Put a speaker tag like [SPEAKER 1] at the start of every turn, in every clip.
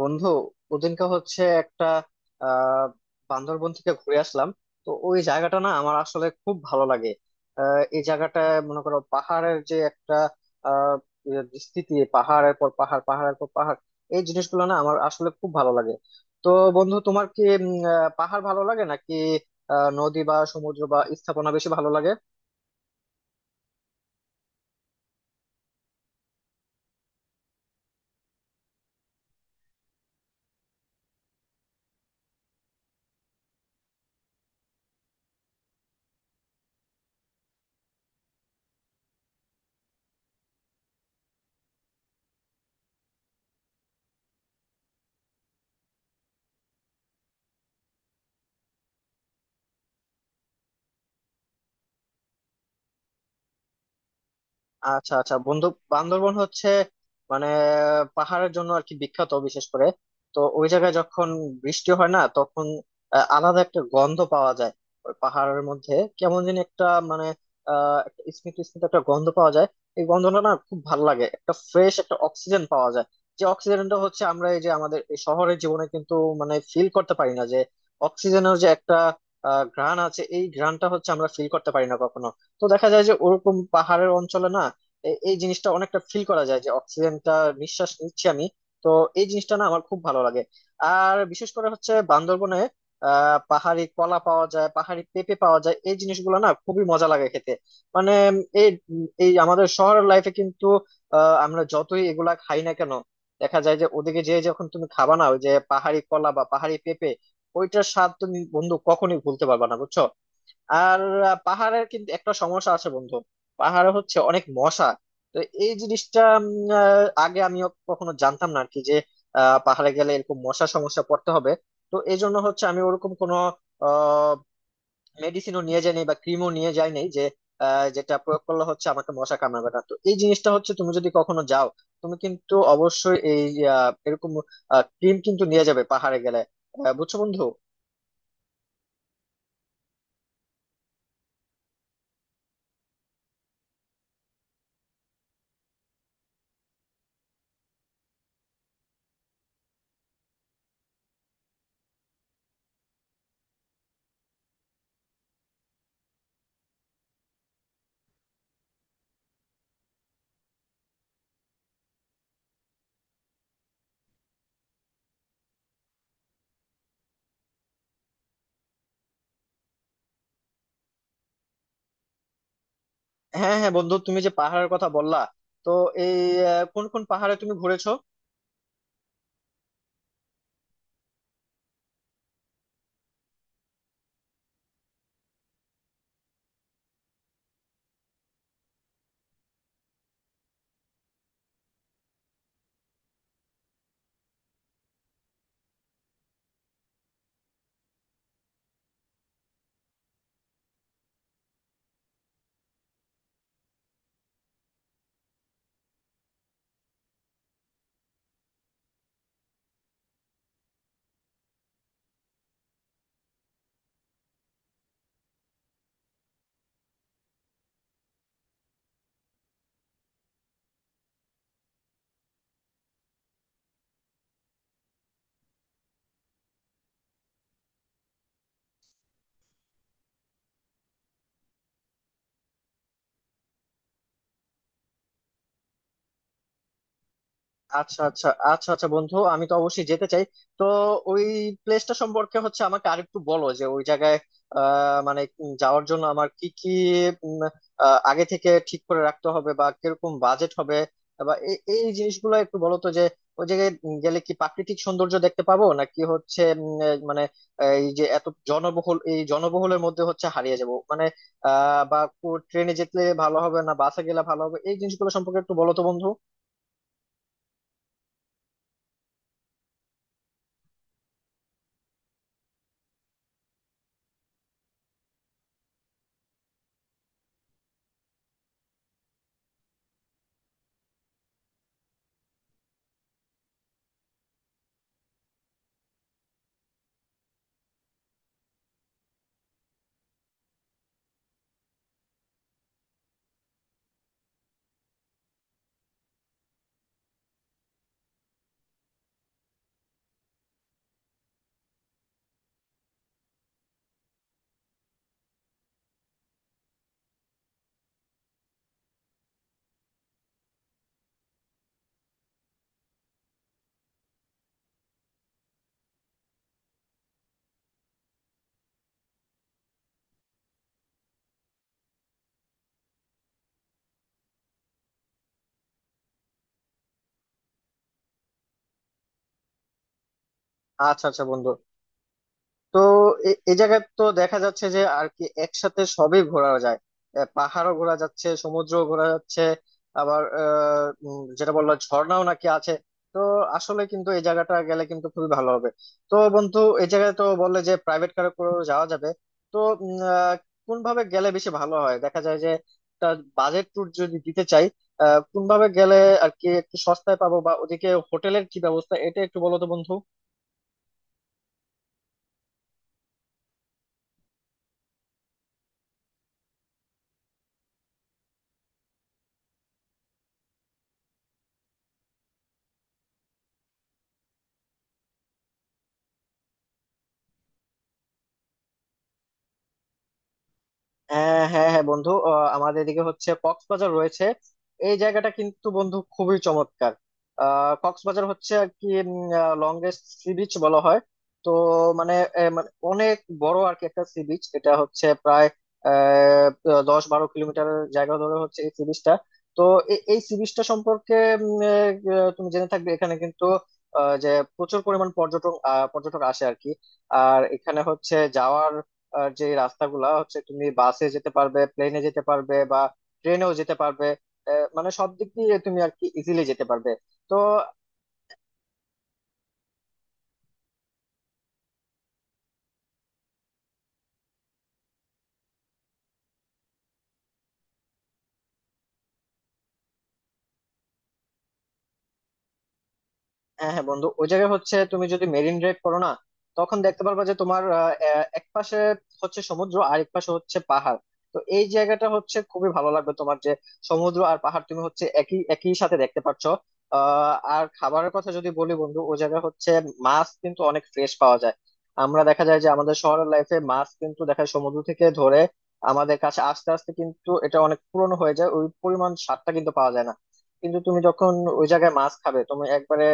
[SPEAKER 1] বন্ধু, ওদিনকে হচ্ছে একটা আহ বান্দরবন থেকে ঘুরে আসলাম। তো ওই জায়গাটা না আমার আসলে খুব ভালো লাগে। এই জায়গাটা, মনে করো পাহাড়ের যে একটা আহ স্থিতি, পাহাড়ের পর পাহাড় পাহাড়ের পর পাহাড়, এই জিনিসগুলো না আমার আসলে খুব ভালো লাগে। তো বন্ধু, তোমার কি পাহাড় ভালো লাগে নাকি নদী বা সমুদ্র বা স্থাপনা বেশি ভালো লাগে? আচ্ছা আচ্ছা বন্ধু, বান্দরবন হচ্ছে মানে পাহাড়ের জন্য আর কি বিখ্যাত, বিশেষ করে। তো ওই জায়গায় যখন বৃষ্টি হয় না, তখন আলাদা একটা গন্ধ পাওয়া যায় ওই পাহাড়ের মধ্যে, কেমন যেন একটা মানে একটা স্মিত স্মিত একটা গন্ধ পাওয়া যায়। এই গন্ধটা না খুব ভালো লাগে, একটা ফ্রেশ একটা অক্সিজেন পাওয়া যায়। যে অক্সিজেনটা হচ্ছে আমরা এই যে আমাদের এই শহরের জীবনে কিন্তু মানে ফিল করতে পারি না, যে অক্সিজেনের যে একটা ঘ্রাণ আছে, এই ঘ্রাণটা হচ্ছে আমরা ফিল করতে পারি না কখনো। তো দেখা যায় যে ওরকম পাহাড়ের অঞ্চলে না এই জিনিসটা অনেকটা ফিল করা যায় যে অক্সিজেনটা নিঃশ্বাস নিচ্ছি আমি। তো এই জিনিসটা না আমার খুব ভালো লাগে। আর বিশেষ করে হচ্ছে বান্দরবনে পাহাড়ি কলা পাওয়া যায়, পাহাড়ি পেঁপে পাওয়া যায়, এই জিনিসগুলো না খুবই মজা লাগে খেতে। মানে এই এই আমাদের শহরের লাইফে কিন্তু আমরা যতই এগুলা খাই না কেন, দেখা যায় যে ওদিকে যেয়ে যখন তুমি খাবা না ওই যে পাহাড়ি কলা বা পাহাড়ি পেঁপে, ওইটার স্বাদ তুমি বন্ধু কখনোই ভুলতে পারবা না, বুঝছো। আর পাহাড়ের কিন্তু একটা সমস্যা আছে বন্ধু, পাহাড়ে হচ্ছে অনেক মশা। তো এই জিনিসটা আগে আমি কখনো জানতাম না আর কি, যে পাহাড়ে গেলে এরকম মশা সমস্যা পড়তে হবে। তো এই জন্য হচ্ছে আমি ওরকম কোনো আহ মেডিসিনও নিয়ে যাইনি বা ক্রিমও নিয়ে যাইনি, যে যেটা প্রয়োগ করলে হচ্ছে আমাকে মশা কামড়াবে না। তো এই জিনিসটা হচ্ছে তুমি যদি কখনো যাও, তুমি কিন্তু অবশ্যই এই এরকম ক্রিম কিন্তু নিয়ে যাবে পাহাড়ে গেলে। বুঝছো বন্ধু? হ্যাঁ হ্যাঁ বন্ধু, তুমি যে পাহাড়ের কথা বললা, তো এই কোন কোন পাহাড়ে তুমি ঘুরেছো? আচ্ছা আচ্ছা আচ্ছা আচ্ছা বন্ধু, আমি তো অবশ্যই যেতে চাই। তো ওই প্লেসটা সম্পর্কে হচ্ছে আমাকে আরেকটু বলো, যে ওই জায়গায় মানে যাওয়ার জন্য আমার কি কি উম, আগে থেকে ঠিক করে রাখতে হবে, বা কিরকম বাজেট হবে, বা এই এই জিনিসগুলো একটু বলো তো, যে ওই জায়গায় গেলে কি প্রাকৃতিক সৌন্দর্য দেখতে পাবো, নাকি হচ্ছে এই মানে এই যে এত জনবহুল, এই জনবহুলের মধ্যে হচ্ছে হারিয়ে যাব মানে বা ট্রেনে যেতে ভালো হবে না বাসে গেলে ভালো হবে, এই জিনিসগুলো সম্পর্কে একটু বলো তো বন্ধু। আচ্ছা আচ্ছা বন্ধু। তো এ এ জায়গায় তো দেখা যাচ্ছে যে আর কি একসাথে সবই ঘোরা যায়, পাহাড়ও ঘোরা যাচ্ছে সমুদ্র ঘোরা যাচ্ছে, আবার যেটা বললো ঝর্ণাও নাকি আছে। তো আসলে কিন্তু এই জায়গাটা গেলে কিন্তু খুবই ভালো হবে। তো বন্ধু, এই জায়গায় তো বললে যে প্রাইভেট কারে করেও যাওয়া যাবে, তো উম, আহ, কোনভাবে গেলে বেশি ভালো হয়, দেখা যায় যে একটা বাজেট ট্যুর যদি দিতে চাই কোনভাবে গেলে আর কি একটু সস্তায় পাবো, বা ওদিকে হোটেলের কি ব্যবস্থা, এটা একটু বলো তো বন্ধু। হ্যাঁ হ্যাঁ হ্যাঁ বন্ধু, আমাদের এদিকে হচ্ছে কক্সবাজার রয়েছে। এই জায়গাটা কিন্তু বন্ধু খুবই চমৎকার। কক্সবাজার হচ্ছে আর কি লংগেস্ট সি বিচ বলা হয়। তো মানে এ, মানে অনেক বড় আর কি একটা সি বিচ, এটা হচ্ছে প্রায় আহ, 10-12 কিলোমিটারের জায়গা ধরে হচ্ছে এই সি বিচটা। তো এই সি বিচটা সম্পর্কে উম, তুমি জেনে থাকবে, এখানে কিন্তু আহ, যে প্রচুর পরিমাণ পর্যটক আসে আর কি। আর এখানে হচ্ছে যাওয়ার আর যে রাস্তাগুলা হচ্ছে, তুমি বাসে যেতে পারবে, প্লেনে যেতে পারবে, বা ট্রেনেও যেতে পারবে। মানে সব দিক দিয়ে তুমি আর কি ইজিলি যেতে পারবে। তো হ্যাঁ হ্যাঁ বন্ধু, ওই জায়গায় হচ্ছে তুমি যদি মেরিন ড্রাইভ করো না, তখন দেখতে পারবা যে তোমার আহ, আহ, এক পাশে হচ্ছে সমুদ্র আর এক পাশে হচ্ছে পাহাড়। তো এই জায়গাটা হচ্ছে খুবই ভালো লাগবে তোমার, যে সমুদ্র আর পাহাড় তুমি হচ্ছে একই একই সাথে দেখতে পাচ্ছ। আর খাবারের কথা যদি বলি বন্ধু, ওই জায়গায় হচ্ছে মাছ কিন্তু অনেক ফ্রেশ পাওয়া যায়। আমরা দেখা যায় যে আমাদের শহরের লাইফে মাছ কিন্তু দেখা যায় সমুদ্র থেকে ধরে আমাদের কাছে আস্তে আস্তে কিন্তু এটা অনেক পুরনো হয়ে যায়, ওই পরিমাণ স্বাদটা কিন্তু পাওয়া যায় না। কিন্তু তুমি যখন ওই জায়গায় মাছ খাবে, তুমি একবারে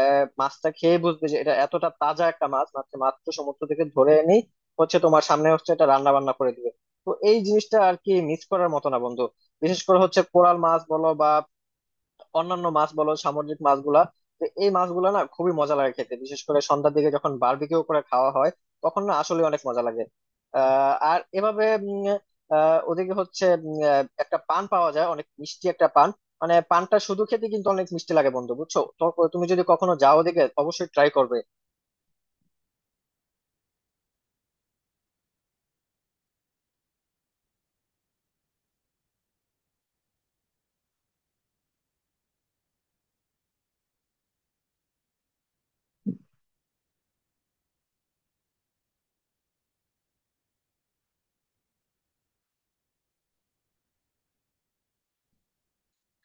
[SPEAKER 1] মাছটা খেয়ে বুঝবে যে এটা এতটা তাজা একটা মাছ, মাছটা মাত্র সমুদ্র থেকে ধরে এনে হচ্ছে তোমার সামনে হচ্ছে এটা রান্না বান্না করে দিবে। তো এই জিনিসটা আর কি মিস করার মতো না বন্ধু। বিশেষ করে হচ্ছে কোরাল মাছ বলো বা অন্যান্য মাছ বলো, সামুদ্রিক মাছগুলা, তো এই মাছগুলা না খুবই মজা লাগে খেতে, বিশেষ করে সন্ধ্যার দিকে যখন বারবিকিউ করে খাওয়া হয়, তখন না আসলে অনেক মজা লাগে। আর এভাবে ওদিকে হচ্ছে একটা পান পাওয়া যায়, অনেক মিষ্টি একটা পান। মানে পানটা শুধু খেতে কিন্তু অনেক মিষ্টি লাগে বন্ধু, বুঝছো তো। তুমি যদি কখনো যাও ওদিকে, অবশ্যই ট্রাই করবে।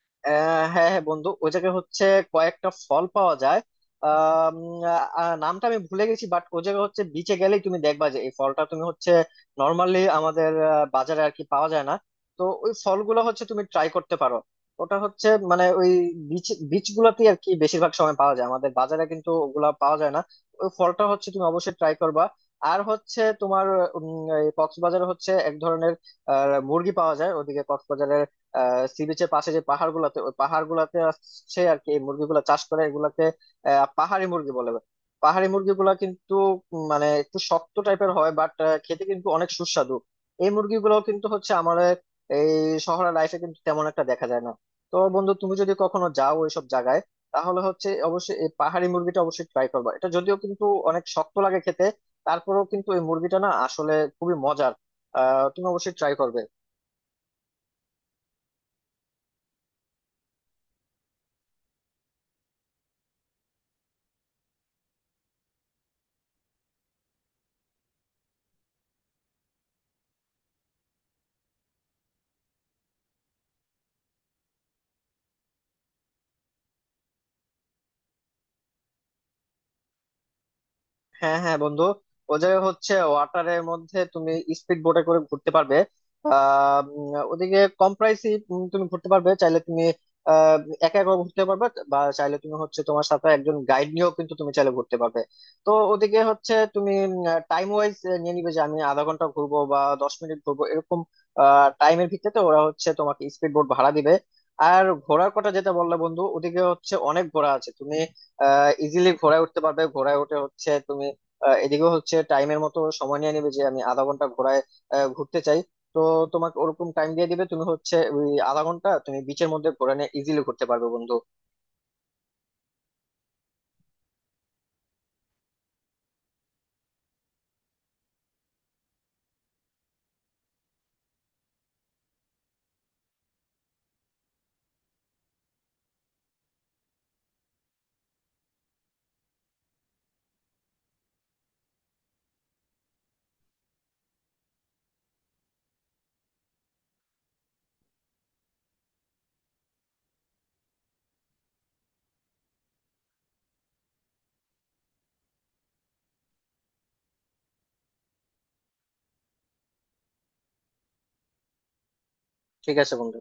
[SPEAKER 1] হ্যাঁ হ্যাঁ বন্ধু, ওই জায়গায় হচ্ছে কয়েকটা ফল পাওয়া যায়। আহ উম, নামটা আমি ভুলে গেছি, বাট ওই জায়গায় হচ্ছে বিচে গেলেই তুমি দেখবা যে এই ফলটা তুমি হচ্ছে নর্মালি আমাদের বাজারে আর কি পাওয়া যায় না। তো ওই ফলগুলো হচ্ছে তুমি ট্রাই করতে পারো। ওটা হচ্ছে মানে ওই বিচ বিচ গুলাতেই আর কি বেশিরভাগ সময় পাওয়া যায়, আমাদের বাজারে কিন্তু ওগুলা পাওয়া যায় না। ওই ফলটা হচ্ছে তুমি অবশ্যই ট্রাই করবা। আর হচ্ছে তোমার, উম, এই কক্সবাজারে হচ্ছে এক ধরনের মুরগি পাওয়া যায় ওদিকে কক্সবাজারে। সি বিচের পাশে যে পাহাড় গুলাতে ওই পাহাড় গুলাতে আসছে আর কি এই মুরগিগুলা চাষ করে, এগুলাকে পাহাড়ি মুরগি বলে। পাহাড়ি মুরগিগুলা কিন্তু মানে একটু শক্ত টাইপের হয়, বাট খেতে কিন্তু অনেক সুস্বাদু। এই মুরগিগুলো কিন্তু হচ্ছে আমার এই শহরের লাইফে কিন্তু তেমন একটা দেখা যায় না। তো বন্ধু, তুমি যদি কখনো যাও ওইসব জায়গায়, তাহলে হচ্ছে অবশ্যই এই পাহাড়ি মুরগিটা অবশ্যই ট্রাই করবা। এটা যদিও কিন্তু অনেক শক্ত লাগে খেতে, তারপরেও কিন্তু এই মুরগিটা না আসলে খুবই মজার। তুমি অবশ্যই ট্রাই করবে। হ্যাঁ হ্যাঁ বন্ধু, ও জায়গায় হচ্ছে ওয়াটারের মধ্যে তুমি স্পিড বোটে করে ঘুরতে পারবে। ওদিকে কম প্রাইসে তুমি ঘুরতে পারবে, চাইলে তুমি আহ, একা একা ঘুরতে পারবে, বা চাইলে তুমি হচ্ছে তোমার সাথে একজন গাইড নিয়েও কিন্তু তুমি চাইলে ঘুরতে পারবে। তো ওদিকে হচ্ছে তুমি টাইম ওয়াইজ নিয়ে নিবে, যে আমি আধা ঘন্টা ঘুরবো বা 10 মিনিট ঘুরবো, এরকম টাইমের ভিত্তিতে ওরা হচ্ছে তোমাকে স্পিড বোট ভাড়া দিবে। আর ঘোড়ার কথা যেটা বললে বন্ধু, ওদিকে হচ্ছে অনেক ঘোড়া আছে। তুমি ইজিলি ঘোড়ায় উঠতে পারবে, ঘোড়ায় উঠে হচ্ছে তুমি এদিকেও হচ্ছে টাইমের মতো সময় নিয়ে নেবে, যে আমি আধা ঘন্টা ঘোড়ায় ঘুরতে চাই। তো তোমাকে ওরকম টাইম দিয়ে দিবে, তুমি হচ্ছে ওই আধা ঘন্টা তুমি বিচের মধ্যে ঘোড়া নিয়ে ইজিলি ঘুরতে পারবে বন্ধু। ঠিক আছে বন্ধু।